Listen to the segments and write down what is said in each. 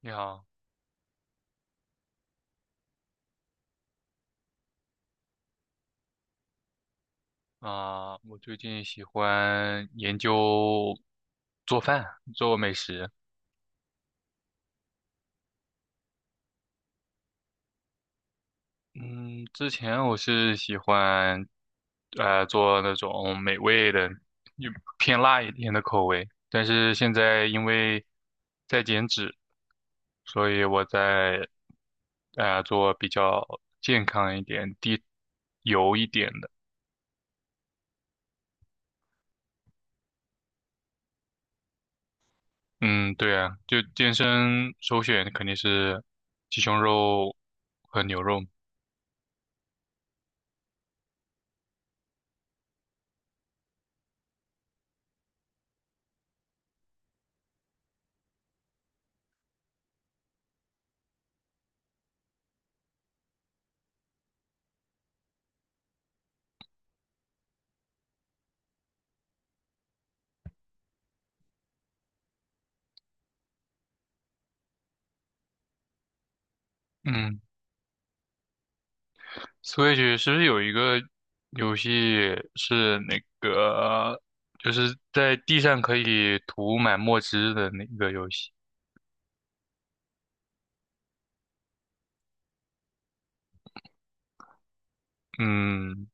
你好啊，我最近喜欢研究做饭，做美食。嗯，之前我是喜欢做那种美味的，就偏辣一点的口味。但是现在因为在减脂，所以我在做比较健康一点、低油一点的。嗯，对啊，就健身首选肯定是鸡胸肉和牛肉。嗯。所以是不是有一个游戏是那个，就是在地上可以涂满墨汁的那个游戏？嗯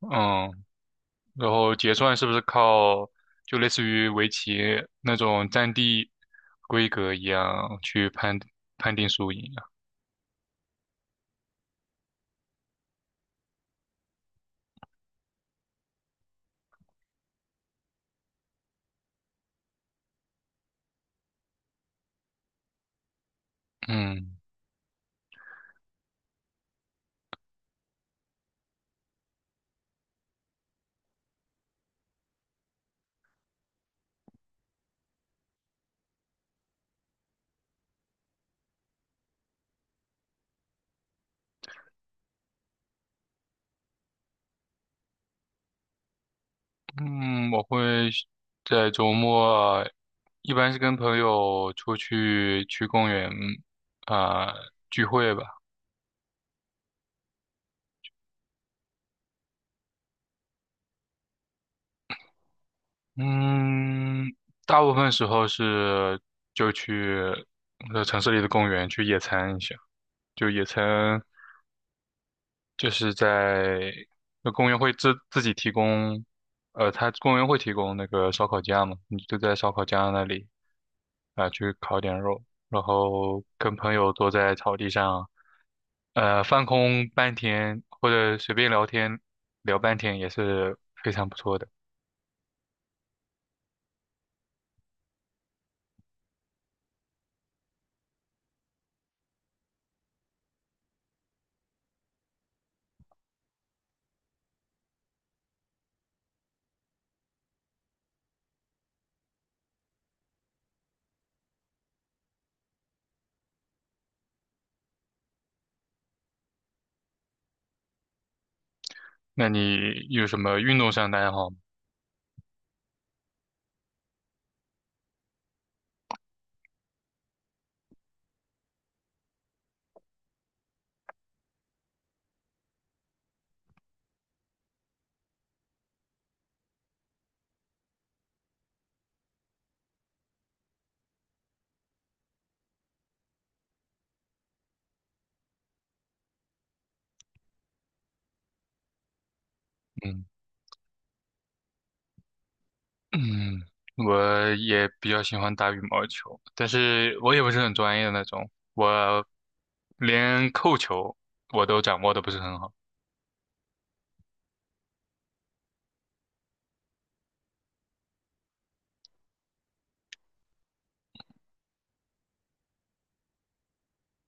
嗯，然后结算是不是靠就类似于围棋那种占地规格一样去判定输赢啊？嗯，嗯我会在周末，一般是跟朋友出去去公园啊、聚会吧。嗯，大部分时候是就去城市里的公园去野餐一下，就野餐就是在那公园会自己提供，呃，它公园会提供那个烧烤架嘛，你就在烧烤架那里啊、去烤点肉，然后跟朋友坐在草地上，呃，放空半天或者随便聊天聊半天也是非常不错的。那你有什么运动上的爱好嗯。嗯，我也比较喜欢打羽毛球，但是我也不是很专业的那种，我连扣球我都掌握的不是很好。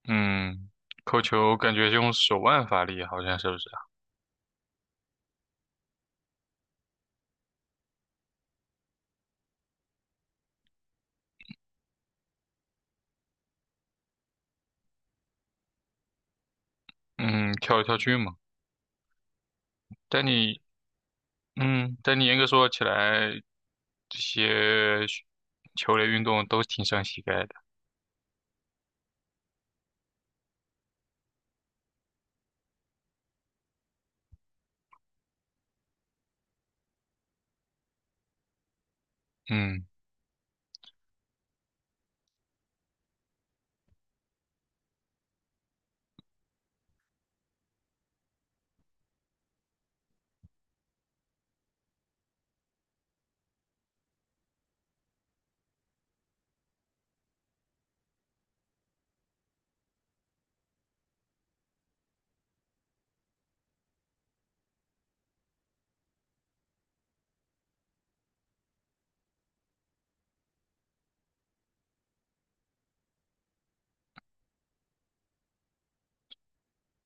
嗯，扣球感觉用手腕发力，好像是不是啊？嗯，跳来跳去嘛。但你，嗯，但你严格说起来，这些球类运动都挺伤膝盖的。嗯，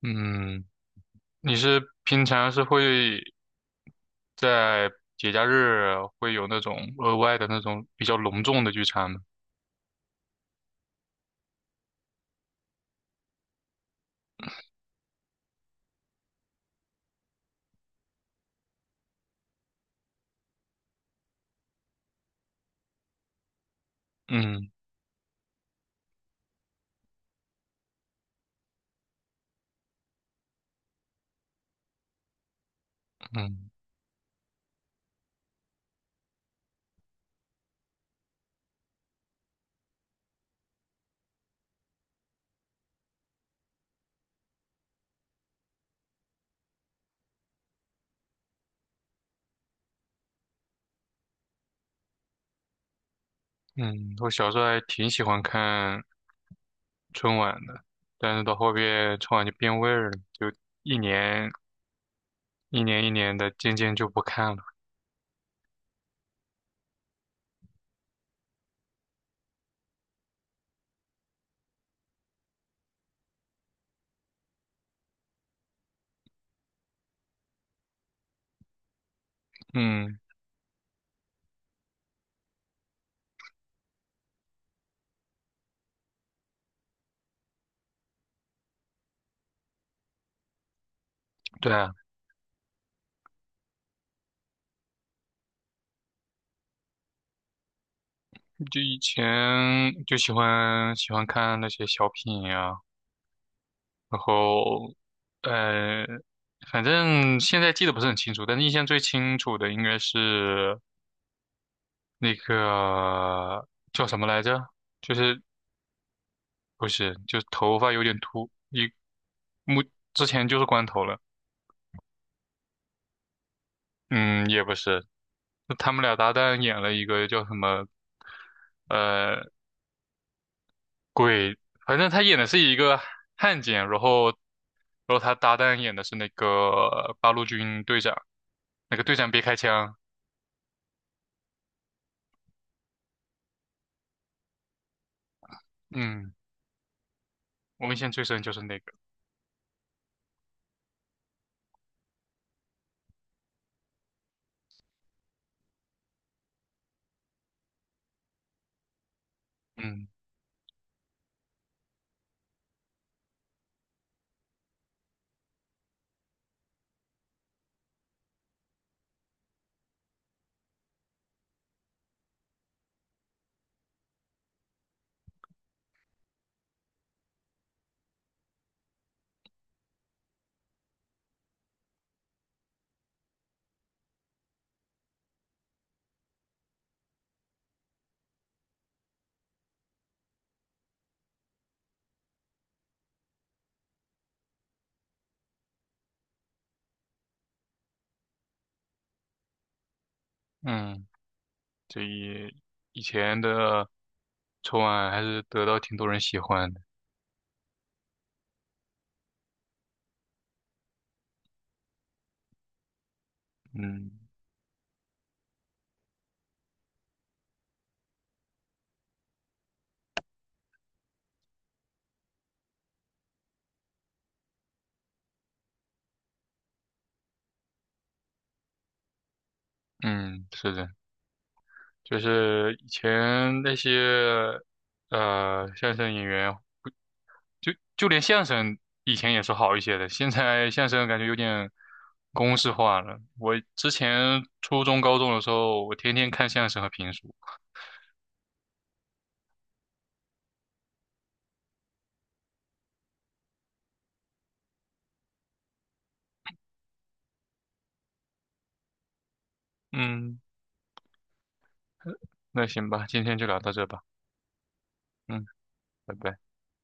嗯，你是平常是会在节假日会有那种额外的那种比较隆重的聚餐吗？嗯。嗯嗯，我小时候还挺喜欢看春晚的，但是到后边春晚就变味儿了，就一年一年一年的渐渐就不看了。嗯，对啊，就以前就喜欢看那些小品呀、然后呃，反正现在记得不是很清楚，但是印象最清楚的应该是那个叫什么来着？就是不是，就是头发有点秃，一目之前就是光头了。嗯，也不是，就他们俩搭档演了一个叫什么，呃，鬼，反正他演的是一个汉奸，然后，然后他搭档演的是那个八路军队长，那个队长别开枪。嗯，我印象最深就是那个。嗯。嗯这一以前的春晚还是得到挺多人喜欢的。嗯。嗯，是的，就是以前那些相声演员，就就连相声以前也是好一些的，现在相声感觉有点公式化了。我之前初中、高中的时候，我天天看相声和评书。嗯，那行吧，今天就聊到这吧。嗯，拜拜。